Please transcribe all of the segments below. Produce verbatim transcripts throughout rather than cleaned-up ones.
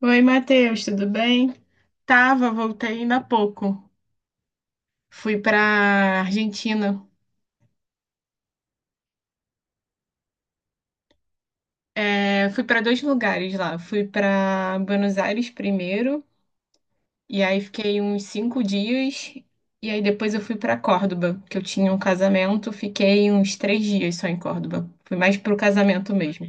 Oi, Matheus, tudo bem? Tava, voltei ainda há pouco. Fui pra Argentina. É, fui pra dois lugares lá. Fui pra Buenos Aires primeiro, e aí fiquei uns cinco dias. E aí depois eu fui pra Córdoba, que eu tinha um casamento. Fiquei uns três dias só em Córdoba. Fui mais pro casamento mesmo.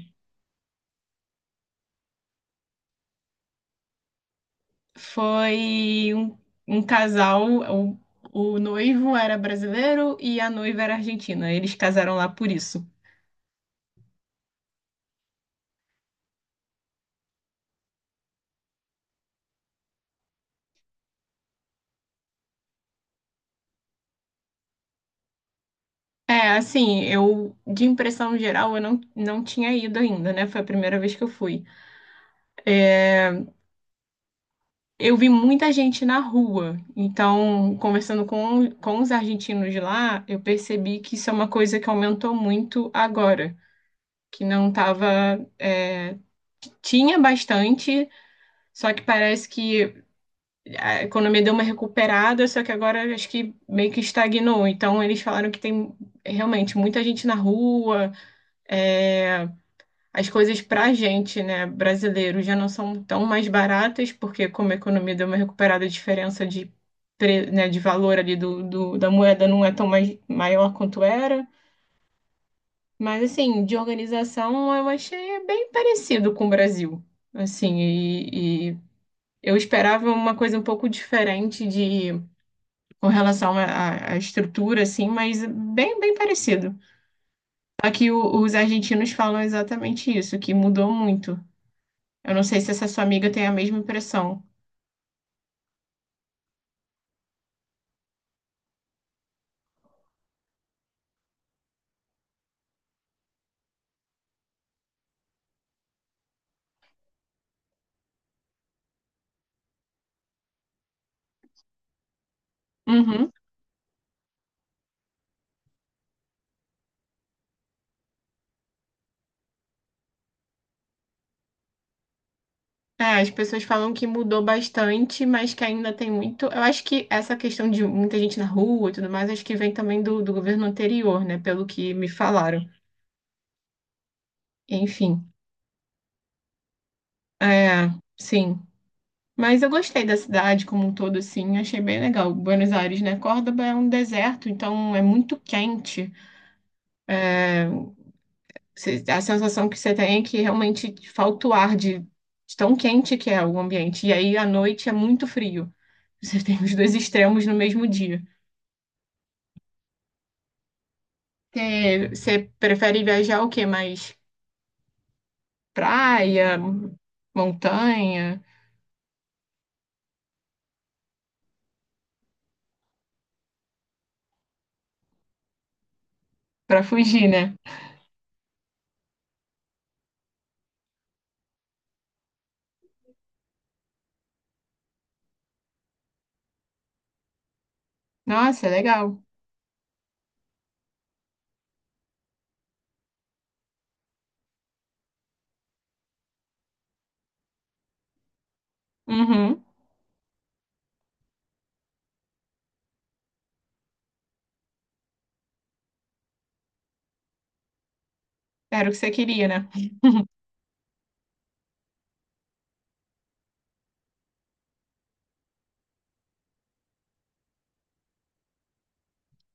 Foi um, um casal, o, o noivo era brasileiro e a noiva era argentina. Eles casaram lá por isso. É, assim, eu, de impressão geral, eu não, não tinha ido ainda, né? Foi a primeira vez que eu fui. É, eu vi muita gente na rua, então, conversando com, com os argentinos de lá, eu percebi que isso é uma coisa que aumentou muito agora, que não tava, é, tinha bastante, só que parece que a economia deu uma recuperada, só que agora acho que meio que estagnou. Então, eles falaram que tem realmente muita gente na rua, é, as coisas para a gente, né, brasileiro, já não são tão mais baratas, porque como a economia deu uma recuperada, a diferença de, pre- né, de valor ali do, do- da moeda não é tão mais, maior quanto era. Mas, assim, de organização, eu achei bem parecido com o Brasil. Assim, e, e eu esperava uma coisa um pouco diferente de, com relação à à- à estrutura, assim, mas bem, bem parecido. Só que o- os argentinos falam exatamente isso, que mudou muito. Eu não sei se essa sua amiga tem a mesma impressão. Uhum. É, as pessoas falam que mudou bastante, mas que ainda tem muito. Eu acho que essa questão de muita gente na rua e tudo mais, acho que vem também do, do governo anterior, né? Pelo que me falaram. Enfim, é, sim. Mas eu gostei da cidade como um todo, assim, achei bem legal. Buenos Aires, né? Córdoba é um deserto, então é muito quente. Você- a sensação que você tem é que realmente falta o ar de, de tão quente que é o ambiente. E aí à noite é muito frio. Você tem os dois extremos no mesmo dia. Você, você prefere viajar o quê? Mais praia, montanha, pra fugir, né? Nossa, legal. Uhum. Era o que você queria, né?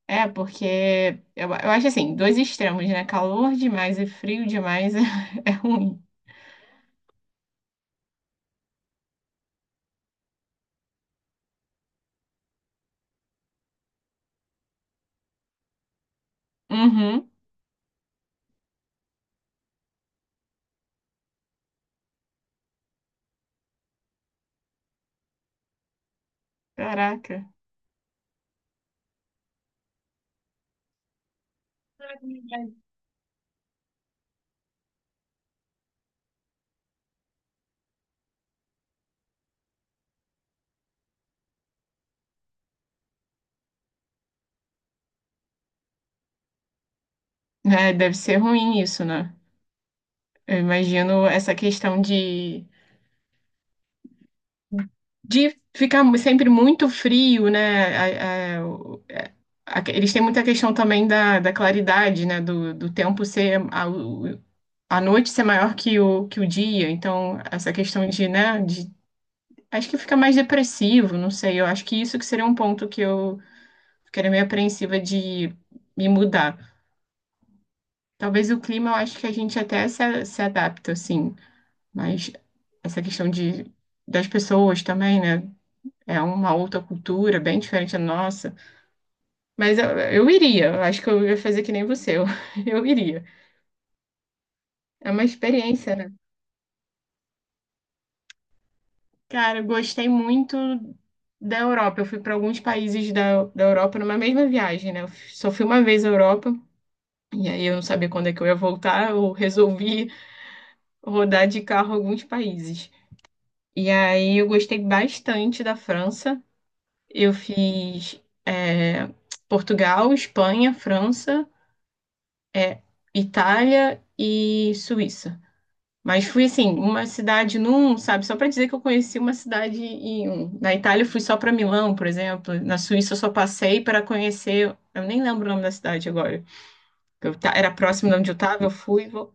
É, porque eu, eu acho assim, dois extremos, né? Calor demais e frio demais é, é ruim. Uhum. Caraca. É, deve ser ruim isso, né? Eu imagino essa questão de de ficar sempre muito frio, né? a- a- o- é, a- eles têm muita questão também da, da claridade, né? Do, do tempo ser a, o- a noite ser maior que o, que o dia. Então, essa questão de, né? De, acho que fica mais depressivo, não sei. Eu acho que isso que seria um ponto que eu ficaria meio apreensiva de me mudar. Talvez o clima, eu acho que a gente até se, a- se adapta, assim. Mas essa questão de, das pessoas também, né? É uma outra cultura, bem diferente da nossa. Mas eu, eu iria, eu acho que eu ia fazer que nem você, eu, eu iria. É uma experiência, né? Cara, eu gostei muito da Europa. Eu fui para alguns países da, da Europa numa mesma viagem, né? Eu só fui uma vez à Europa, e aí eu não sabia quando é que eu ia voltar, eu resolvi rodar de carro alguns países. E aí eu gostei bastante da França. Eu fiz, é, Portugal, Espanha, França. É Itália e Suíça. Mas fui assim, uma cidade num, sabe? Só para dizer que eu conheci uma cidade em um. Na Itália eu fui só para Milão, por exemplo. Na Suíça eu só passei para conhecer. Eu nem lembro o nome da cidade agora. Eu ta- era próximo de onde eu tava, eu fui. vo-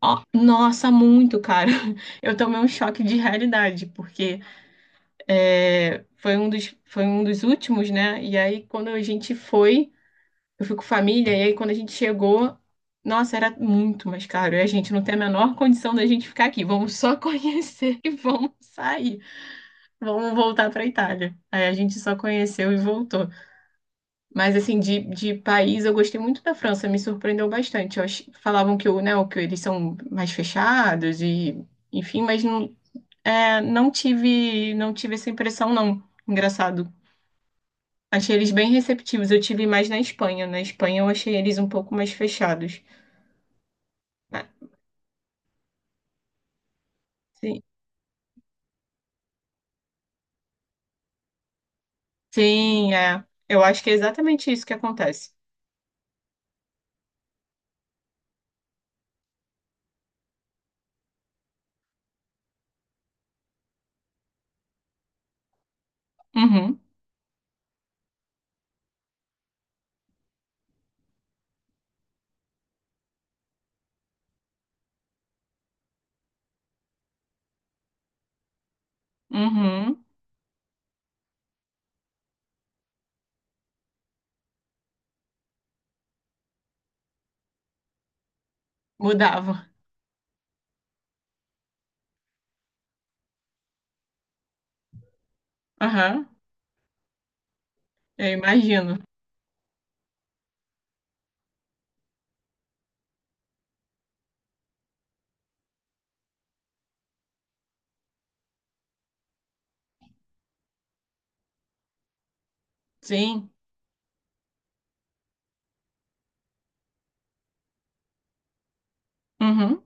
Ó, nossa, muito, cara. Eu tomei um choque de realidade, porque é, foi um dos, foi um dos últimos, né? E aí, quando a gente foi. Eu fui com família, e aí quando a gente chegou, nossa, era muito mais caro. E a gente não tem a menor condição da gente ficar aqui. Vamos só conhecer e vamos sair. Vamos voltar para Itália. Aí a gente só conheceu e voltou. Mas assim, de, de país, eu gostei muito da França, me surpreendeu bastante. Eu ach- falavam que, o, né, o que eles são mais fechados e, enfim, mas não, é, não tive, não tive essa impressão, não. Engraçado. Achei eles bem receptivos. Eu tive mais na Espanha. Na Espanha eu achei eles um pouco mais fechados. É, sim, sim, é. Eu acho que é exatamente isso que acontece. Uhum, uhum, mudava. Aham, eu imagino. Sim, uhum,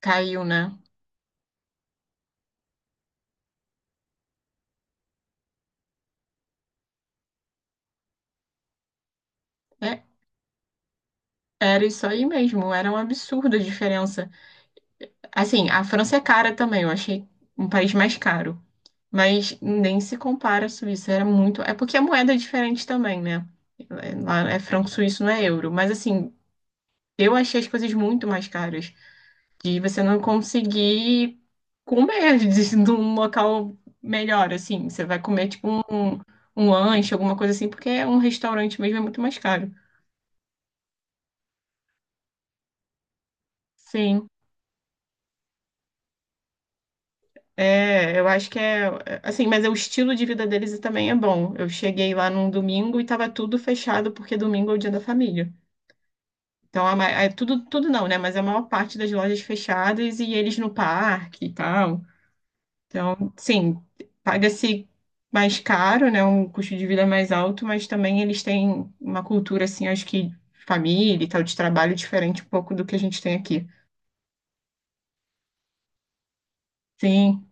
caiu, né? É, era isso aí mesmo, era um absurdo a diferença. Assim, a França é cara também, eu achei um país mais caro. Mas nem se compara à Suíça, era muito. É porque a moeda é diferente também, né? Lá é franco suíço, não é euro. Mas assim, eu achei as coisas muito mais caras. De você não conseguir comer de, num local melhor, assim. Você vai comer, tipo, um, um lanche, alguma coisa assim, porque é um restaurante mesmo é muito mais caro. Sim. É, eu acho que é, é, assim, mas é o estilo de vida deles também é bom. Eu cheguei lá num domingo e tava tudo fechado, porque domingo é o dia da família. Então, a ma- é tudo, tudo não, né? Mas a maior parte das lojas fechadas e eles no parque e tal. Então, sim, paga-se mais caro, né? Um custo de vida mais alto, mas também eles têm uma cultura, assim, acho que de família e tal, de trabalho diferente um pouco do que a gente tem aqui. Sim,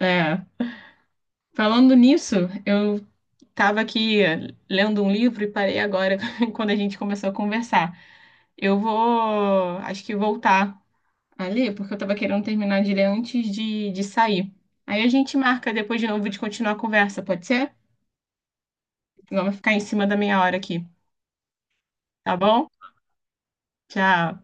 é. Falando nisso, eu estava aqui eh, lendo um livro e parei agora quando a gente começou a conversar. Eu vou, acho que voltar a ler, porque eu estava querendo terminar de ler antes de, de sair. Aí a gente marca depois de novo de continuar a conversa, pode ser? Senão vai ficar em cima da meia hora aqui. Tá bom? Tchau.